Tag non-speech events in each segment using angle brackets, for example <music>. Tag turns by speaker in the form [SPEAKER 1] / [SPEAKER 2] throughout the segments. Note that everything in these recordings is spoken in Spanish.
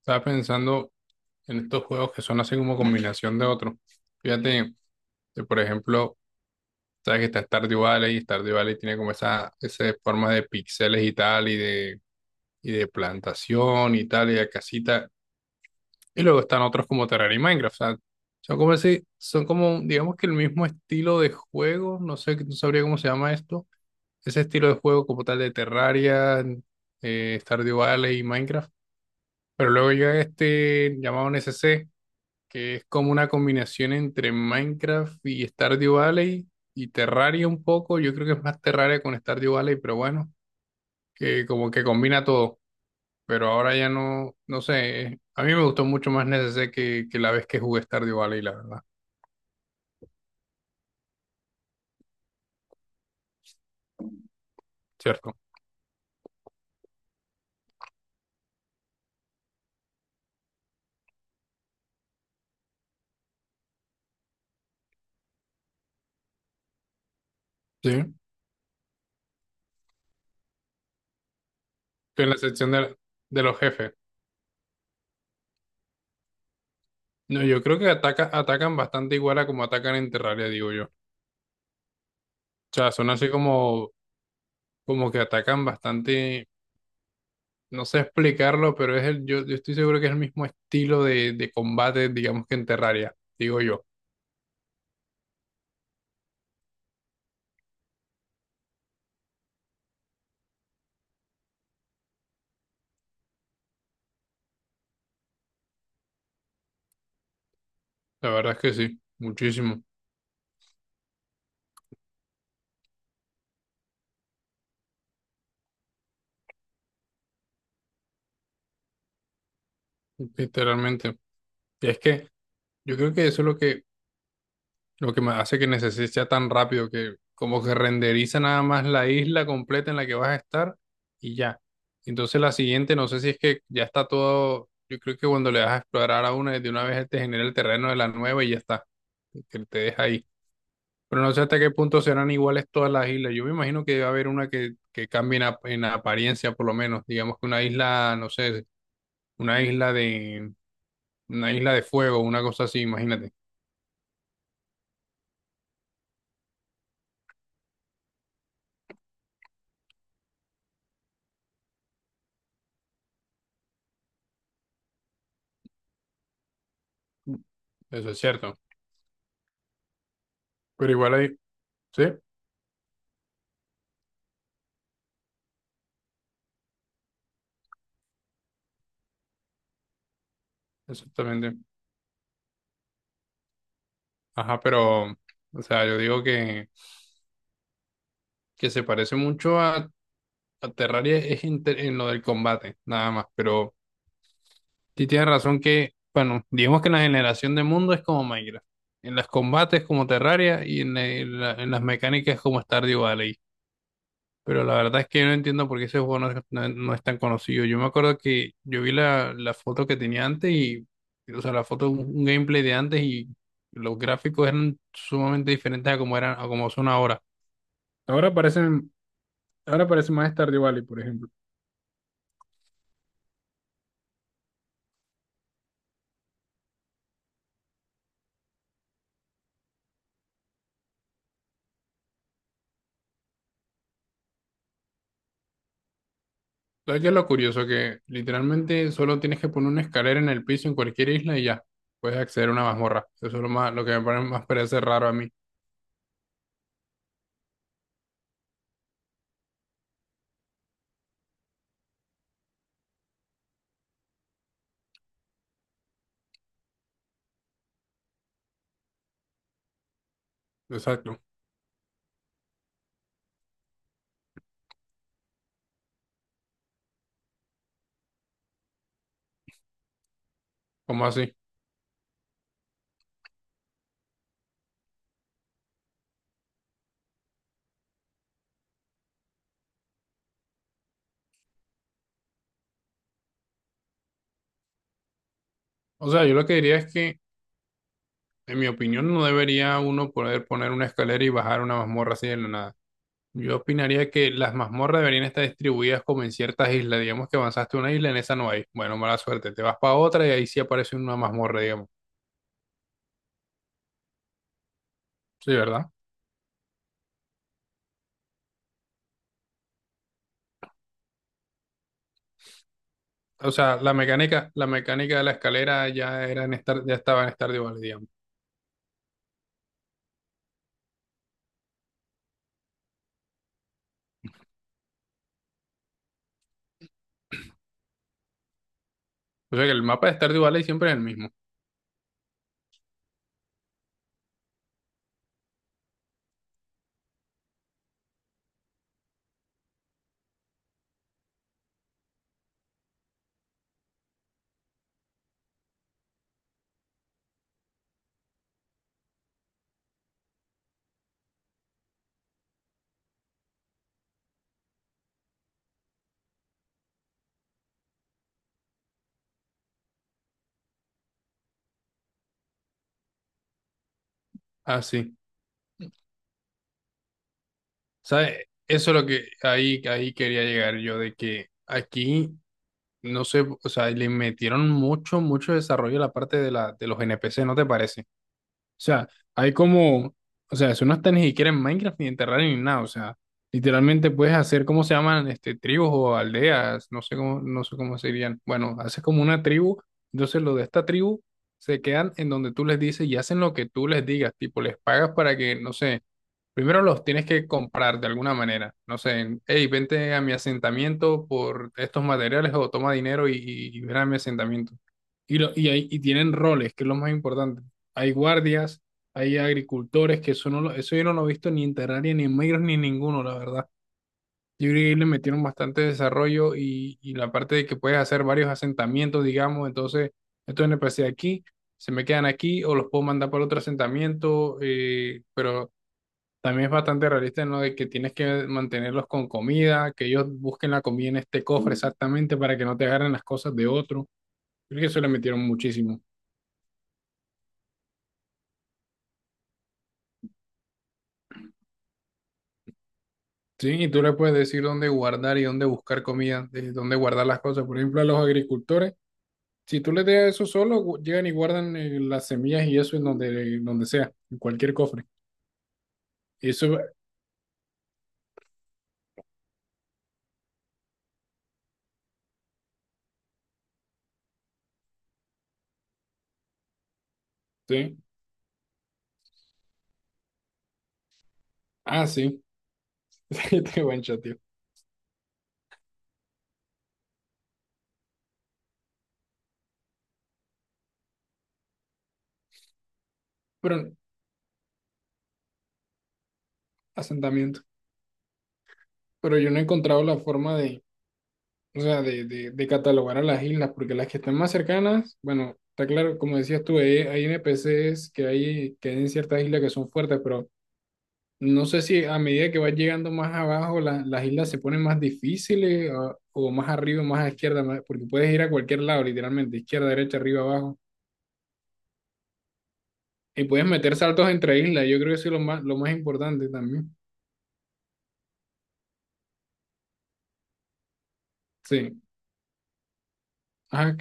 [SPEAKER 1] Estaba pensando en estos juegos que son así como combinación de otros. Fíjate, que, por ejemplo, sabes que está Stardew Valley y Stardew Valley tiene como esa forma de píxeles y tal, y de plantación y tal, y de casita. Y luego están otros como Terraria y Minecraft. O sea, son como así, son como, digamos que el mismo estilo de juego, no sé, no sabría cómo se llama esto. Ese estilo de juego como tal de Terraria, Stardew Valley y Minecraft. Pero luego llega este llamado NCC que es como una combinación entre Minecraft y Stardew Valley y Terraria un poco. Yo creo que es más Terraria con Stardew Valley, pero bueno, que como que combina todo. Pero ahora ya no, no sé, a mí me gustó mucho más NSC que la vez que jugué Stardew Valley, la verdad, ¿cierto? Sí. Estoy en la sección de los jefes. No, yo creo que atacan bastante igual a como atacan en Terraria, digo yo. O sea, son así como, como que atacan bastante, no sé explicarlo, pero es el, yo estoy seguro que es el mismo estilo de combate, digamos que en Terraria, digo yo. La verdad es que sí, muchísimo, literalmente. Y es que yo creo que eso es lo que me hace que necesite sea tan rápido, que como que renderiza nada más la isla completa en la que vas a estar y ya. Entonces la siguiente, no sé si es que ya está todo, yo creo que cuando le das a explorar a una, de una vez te genera el terreno de la nueva y ya está, que te deja ahí. Pero no sé hasta qué punto serán iguales todas las islas. Yo me imagino que va a haber una que cambie en, en apariencia, por lo menos. Digamos que una isla, no sé, una isla de, una isla de fuego, una cosa así, imagínate. Eso es cierto. Pero igual hay, sí, exactamente. Ajá, pero, o sea, yo digo que se parece mucho a Terraria es en, en lo del combate, nada más. Pero sí, tienes razón que, bueno, digamos que la generación de mundo es como Minecraft. En los combates como Terraria y en, en las mecánicas como Stardew Valley. Pero la verdad es que yo no entiendo por qué ese juego no es tan conocido. Yo me acuerdo que yo vi la foto que tenía antes y, o sea, la foto, un gameplay de antes y los gráficos eran sumamente diferentes a como eran, a como son ahora. Ahora parecen, ahora parece más Stardew Valley, por ejemplo. ¿Sabes qué es lo curioso? Que literalmente solo tienes que poner una escalera en el piso en cualquier isla y ya puedes acceder a una mazmorra. Eso es lo más, lo que me más parece raro a mí. Exacto. ¿Cómo así? O sea, yo lo que diría es que, en mi opinión, no debería uno poder poner una escalera y bajar una mazmorra así de la nada. Yo opinaría que las mazmorras deberían estar distribuidas como en ciertas islas. Digamos que avanzaste a una isla, en esa no hay. Bueno, mala suerte. Te vas para otra y ahí sí aparece una mazmorra, digamos. Sí, ¿verdad? O sea, la mecánica de la escalera ya era en ya estaba en Stardew Valley, digamos. O sea que el mapa de Stardew Valley siempre es el mismo. Así. ¿Sabes? Eso es lo que ahí, ahí quería llegar yo, de que aquí, no sé, o sea, le metieron mucho, mucho desarrollo a la parte de la, de los NPC, ¿no te parece? O sea, hay como, o sea, eso no está ni siquiera en Minecraft ni en Terraria ni nada, o sea, literalmente puedes hacer, ¿cómo se llaman? Este, tribus o aldeas, no sé cómo, no sé cómo serían. Bueno, haces como una tribu, entonces los de esta tribu se quedan en donde tú les dices y hacen lo que tú les digas, tipo, les pagas para que, no sé, primero los tienes que comprar de alguna manera, no sé, hey, vente a mi asentamiento por estos materiales o toma dinero y ven a mi asentamiento. Y tienen roles, que es lo más importante. Hay guardias, hay agricultores, que eso, eso yo no lo he visto ni en Terraria, ni en Micros, ni en ninguno, la verdad. Yo creo que ahí le metieron bastante desarrollo y la parte de que puedes hacer varios asentamientos, digamos, entonces estos NPC aquí se me quedan aquí o los puedo mandar para otro asentamiento, pero también es bastante realista en lo de que tienes que mantenerlos con comida, que ellos busquen la comida en este cofre exactamente para que no te agarren las cosas de otro. Creo que eso le metieron muchísimo. Sí, y tú le puedes decir dónde guardar y dónde buscar comida, de dónde guardar las cosas. Por ejemplo, a los agricultores, si tú les dejas eso solo, llegan y guardan las semillas y eso en donde, donde sea, en cualquier cofre. Eso, sí. Ah, sí. <laughs> sí, te buen tío. Pero, asentamiento. Pero yo no he encontrado la forma de, o sea, de catalogar a las islas, porque las que están más cercanas, bueno, está claro, como decías tú, hay NPCs que hay en ciertas islas que son fuertes, pero no sé si a medida que vas llegando más abajo, las islas se ponen más difíciles o más arriba, más a izquierda, más- porque puedes ir a cualquier lado, literalmente, izquierda, derecha, arriba, abajo. Y puedes meter saltos entre islas. Yo creo que eso es lo más importante también. Sí. Ajá,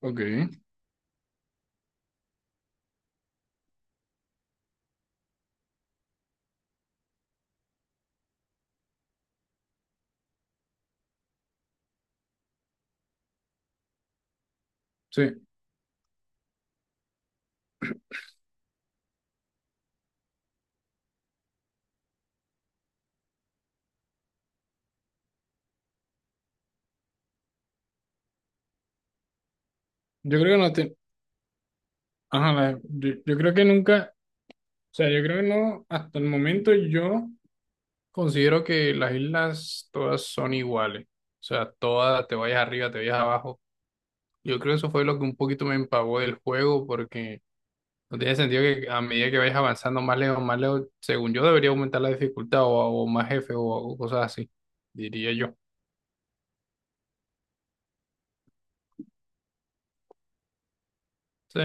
[SPEAKER 1] ok. Sí. Yo creo que no te... Ajá, la- yo creo que nunca... O sea, yo creo que no, hasta el momento yo considero que las islas todas son iguales. O sea, todas, te vayas arriba, te vayas abajo. Yo creo que eso fue lo que un poquito me empavó del juego, porque no tiene sentido que a medida que vayas avanzando más lejos, según yo, debería aumentar la dificultad o más jefes o cosas así, diría yo. Sí.